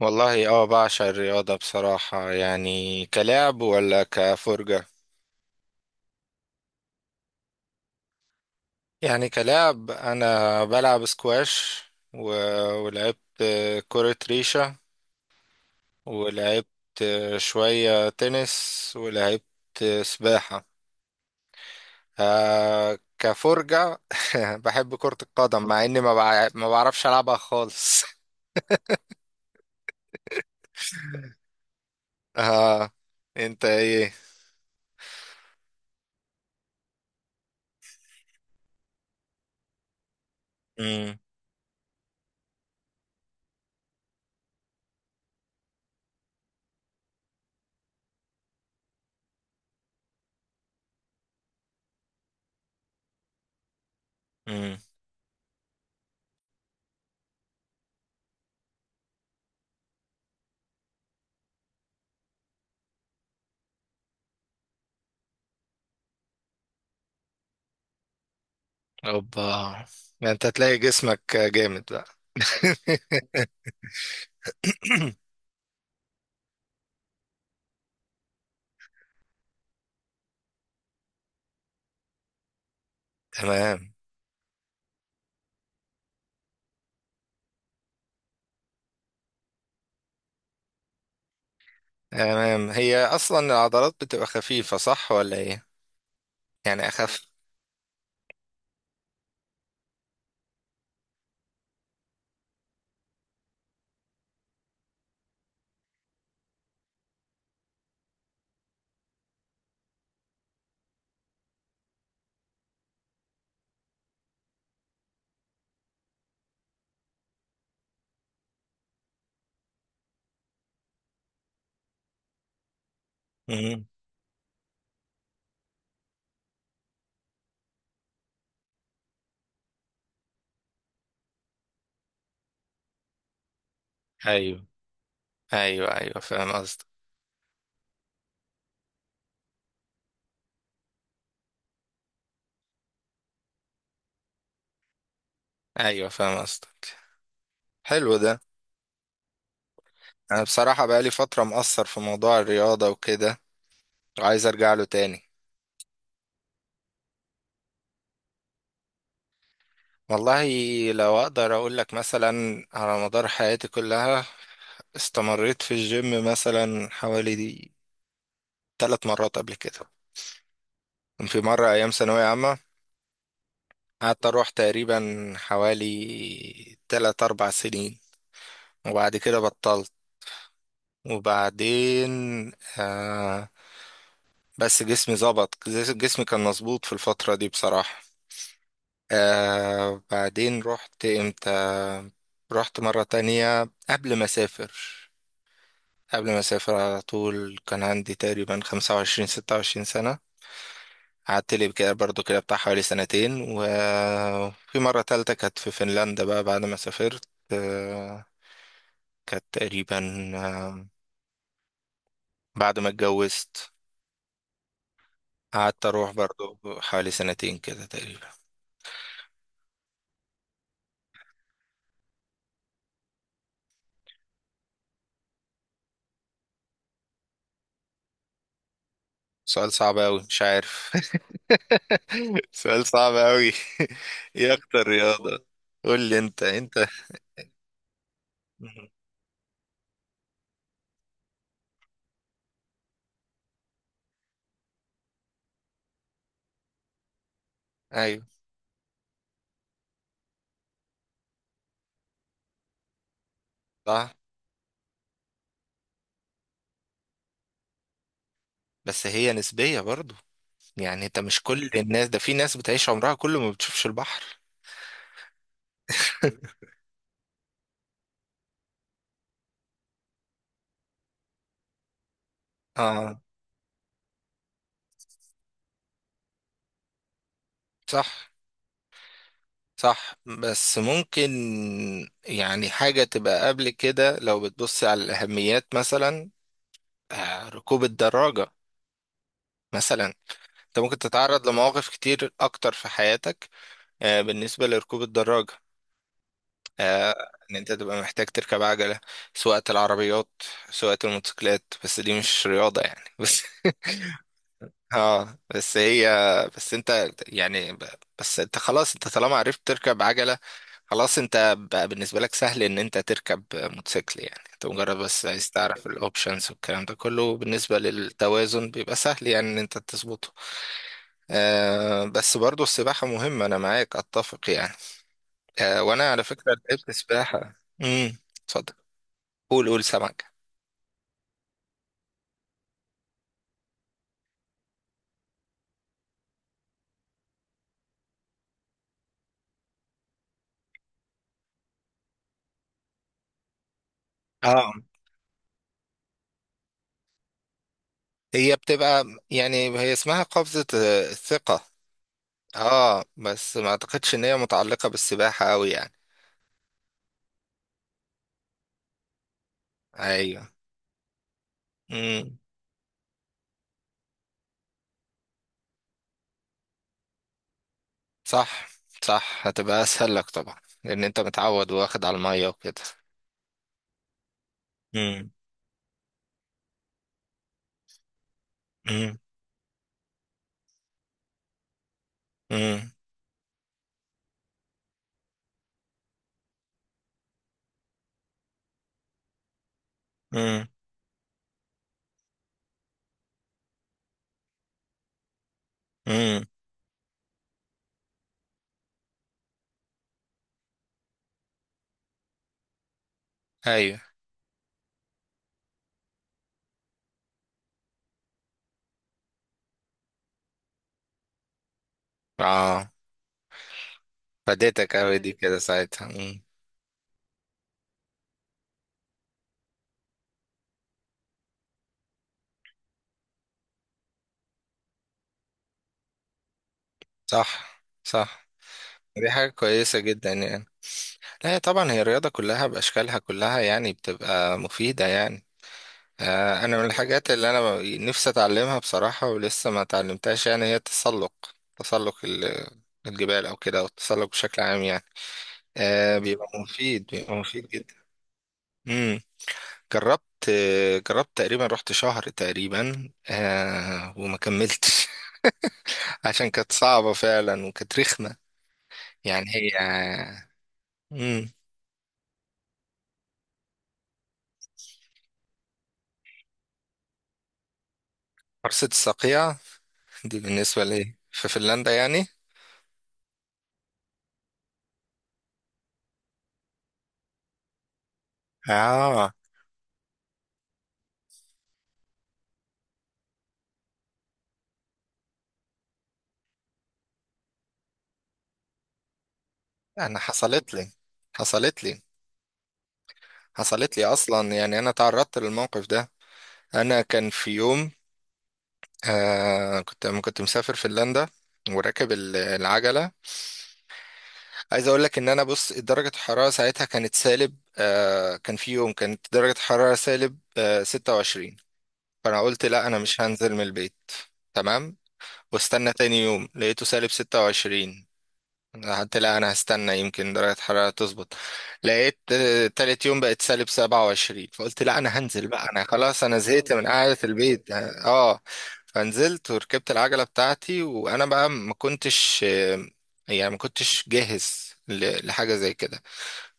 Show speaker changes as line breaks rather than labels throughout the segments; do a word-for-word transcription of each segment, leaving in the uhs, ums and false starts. والله اه بعشق الرياضة بصراحة، يعني كلاعب ولا كفرجة. يعني كلاعب أنا بلعب سكواش و... ولعبت كرة ريشة، ولعبت شوية تنس، ولعبت سباحة. آه كفرجة. بحب كرة القدم مع إني ما, بع... ما بعرفش ألعبها خالص. آه أنت إيه؟ مم. مم. أوبا، ده أنت تلاقي جسمك جامد بقى. تمام. تمام، هي اصلا العضلات بتبقى خفيفة، صح ولا ايه؟ يعني اخف. مم. ايوه. ايوه ايوه، فاهم قصدك. ايوه فاهم قصدك. حلو ده. انا بصراحة بقالي فترة مقصر في موضوع الرياضة وكده، وعايز ارجع له تاني. والله، لو اقدر اقول لك مثلا، على مدار حياتي كلها استمريت في الجيم مثلا حوالي دي ثلاث مرات قبل كده. كان في مرة أيام ثانوية عامة قعدت اروح تقريبا حوالي تلات اربع سنين وبعد كده بطلت. وبعدين آه بس جسمي ظبط، جس- جسمي كان مظبوط في الفترة دي بصراحة. آه بعدين رحت امتى؟ رحت مرة تانية قبل ما اسافر. قبل ما اسافر على طول كان عندي تقريبا خمسة وعشرين ستة وعشرين سنة. قعدت لي كده برضو، كده بتاع حوالي سنتين. وفي مرة تالتة كانت في فنلندا بقى بعد ما سافرت، آه، كانت تقريبا آه، بعد ما اتجوزت. قعدت اروح برضو حوالي سنتين كده تقريبا. سؤال صعب اوي، مش عارف. سؤال صعب اوي. ايه اكتر رياضة؟ قول لي انت انت. مهم. ايوه. صح، بس هي نسبية برضو. يعني انت مش كل الناس، ده في ناس بتعيش عمرها كله ما بتشوفش البحر. اه، صح صح، بس ممكن يعني حاجة تبقى قبل كده لو بتبص على الأهميات، مثلا آه، ركوب الدراجة مثلا. انت ممكن تتعرض لمواقف كتير اكتر في حياتك آه، بالنسبة لركوب الدراجة. آه، ان انت تبقى محتاج تركب عجلة، سواقة العربيات، سواقة الموتوسيكلات. بس دي مش رياضة يعني. بس اه بس هي بس انت يعني ب- بس انت خلاص، انت طالما عرفت تركب عجلة، خلاص انت بقى بالنسبة لك سهل ان انت تركب موتوسيكل. يعني انت مجرد بس عايز تعرف الاوبشنز والكلام ده كله، بالنسبة للتوازن بيبقى سهل يعني ان انت تظبطه. آه بس برضو السباحة مهمة، أنا معاك أتفق يعني. آه وأنا على فكرة لعبت سباحة. امم اتفضل. قول قول سمك. اه، هي بتبقى، يعني هي اسمها قفزة آه، الثقة. اه بس ما أعتقدش إن هي متعلقة بالسباحة أوي يعني. أيوه. امم صح صح، هتبقى أسهل لك طبعا لأن أنت متعود واخد على المية وكده. امم. امم. امم. امم. امم. أيوه. اه، فادتك أوي دي كده ساعتها. صح صح، دي حاجة كويسة جدا يعني. لا هي طبعا، هي الرياضة كلها بأشكالها كلها يعني بتبقى مفيدة يعني. آه، أنا من الحاجات اللي أنا ب- نفسي أتعلمها بصراحة ولسه ما اتعلمتهاش، يعني هي التسلق. تسلق ال- الجبال أو كده، أو التسلق بشكل عام يعني. آه، بيبقى مفيد، بيبقى مفيد جدا. مم. جربت. آه، جربت تقريبا، رحت شهر تقريبا آه، وما كملتش. عشان كانت صعبة فعلا وكانت رخمة. يعني هي. مم. حرصة الصقيع دي بالنسبة لي في فنلندا يعني. آه أنا حصلت لي حصلت لي حصلت لي أصلا يعني، أنا تعرضت للموقف ده. أنا كان في يوم، آه كنت كنت مسافر فنلندا وراكب ال- العجلة. عايز أقول لك إن أنا، بص، درجة الحرارة ساعتها كانت سالب، آه كان في يوم كانت درجة الحرارة سالب آه ستة وعشرين. فأنا قلت لا، أنا مش هنزل من البيت. تمام. واستنى تاني يوم لقيته سالب ستة وعشرين. حتى لا، انا هستنى يمكن درجة الحرارة تظبط. لقيت آه، تالت يوم بقت سالب سبعة وعشرين. فقلت لا، انا هنزل بقى، انا خلاص انا زهقت من قعدة البيت اه آه. فنزلت وركبت العجلة بتاعتي، وانا بقى ما كنتش آه، يعني ما كنتش جاهز ل- لحاجة زي كده.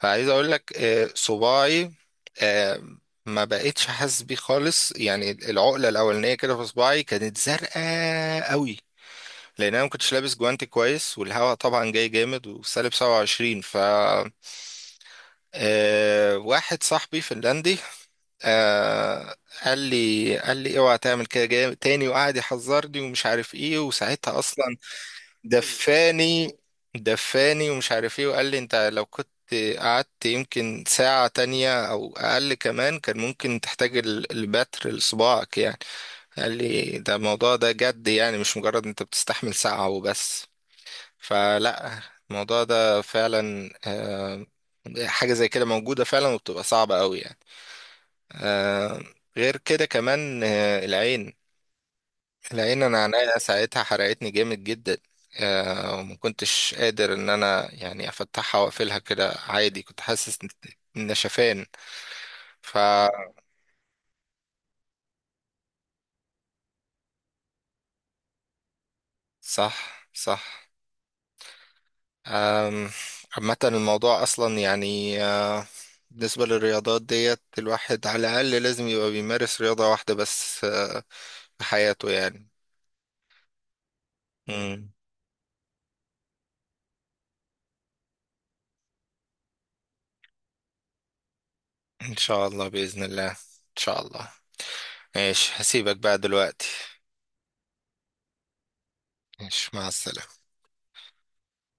فعايز اقول لك آه، صباعي آه، ما بقتش حاسس بيه خالص يعني. العقلة الأولانية كده في صباعي كانت زرقاء قوي، لان انا ما كنتش لابس جوانتي كويس والهواء طبعا جاي جامد وسالب سبع وعشرين. ف آه، واحد صاحبي فنلندي آه، قال لي قال لي اوعى تعمل كده جامد تاني، وقعد يحذرني ومش عارف ايه. وساعتها اصلا دفاني، دفاني ومش عارف ايه. وقال لي انت لو كنت قعدت يمكن ساعة تانية أو أقل كمان كان ممكن تحتاج ال- البتر لصباعك يعني. قال لي ده الموضوع ده جد، يعني مش مجرد أنت بتستحمل ساعة وبس. فلا، الموضوع ده فعلا آه، حاجة زي كده موجودة فعلا وبتبقى صعبة قوي يعني. آه، غير كده كمان آه، العين. العين انا عينيا ساعتها حرقتني جامد جدا، آه، وما كنتش قادر ان انا يعني افتحها واقفلها كده عادي. كنت حاسس إن- إن شفان. ف صح صح. أم، عامة الموضوع أصلا يعني آه، بالنسبة للرياضات ديت، الواحد على الأقل لازم يبقى بيمارس رياضة واحدة بس آه، في حياته يعني. مم. إن شاء الله بإذن الله، إن شاء الله. ماشي، هسيبك بقى دلوقتي. ماشي، مع السلامة.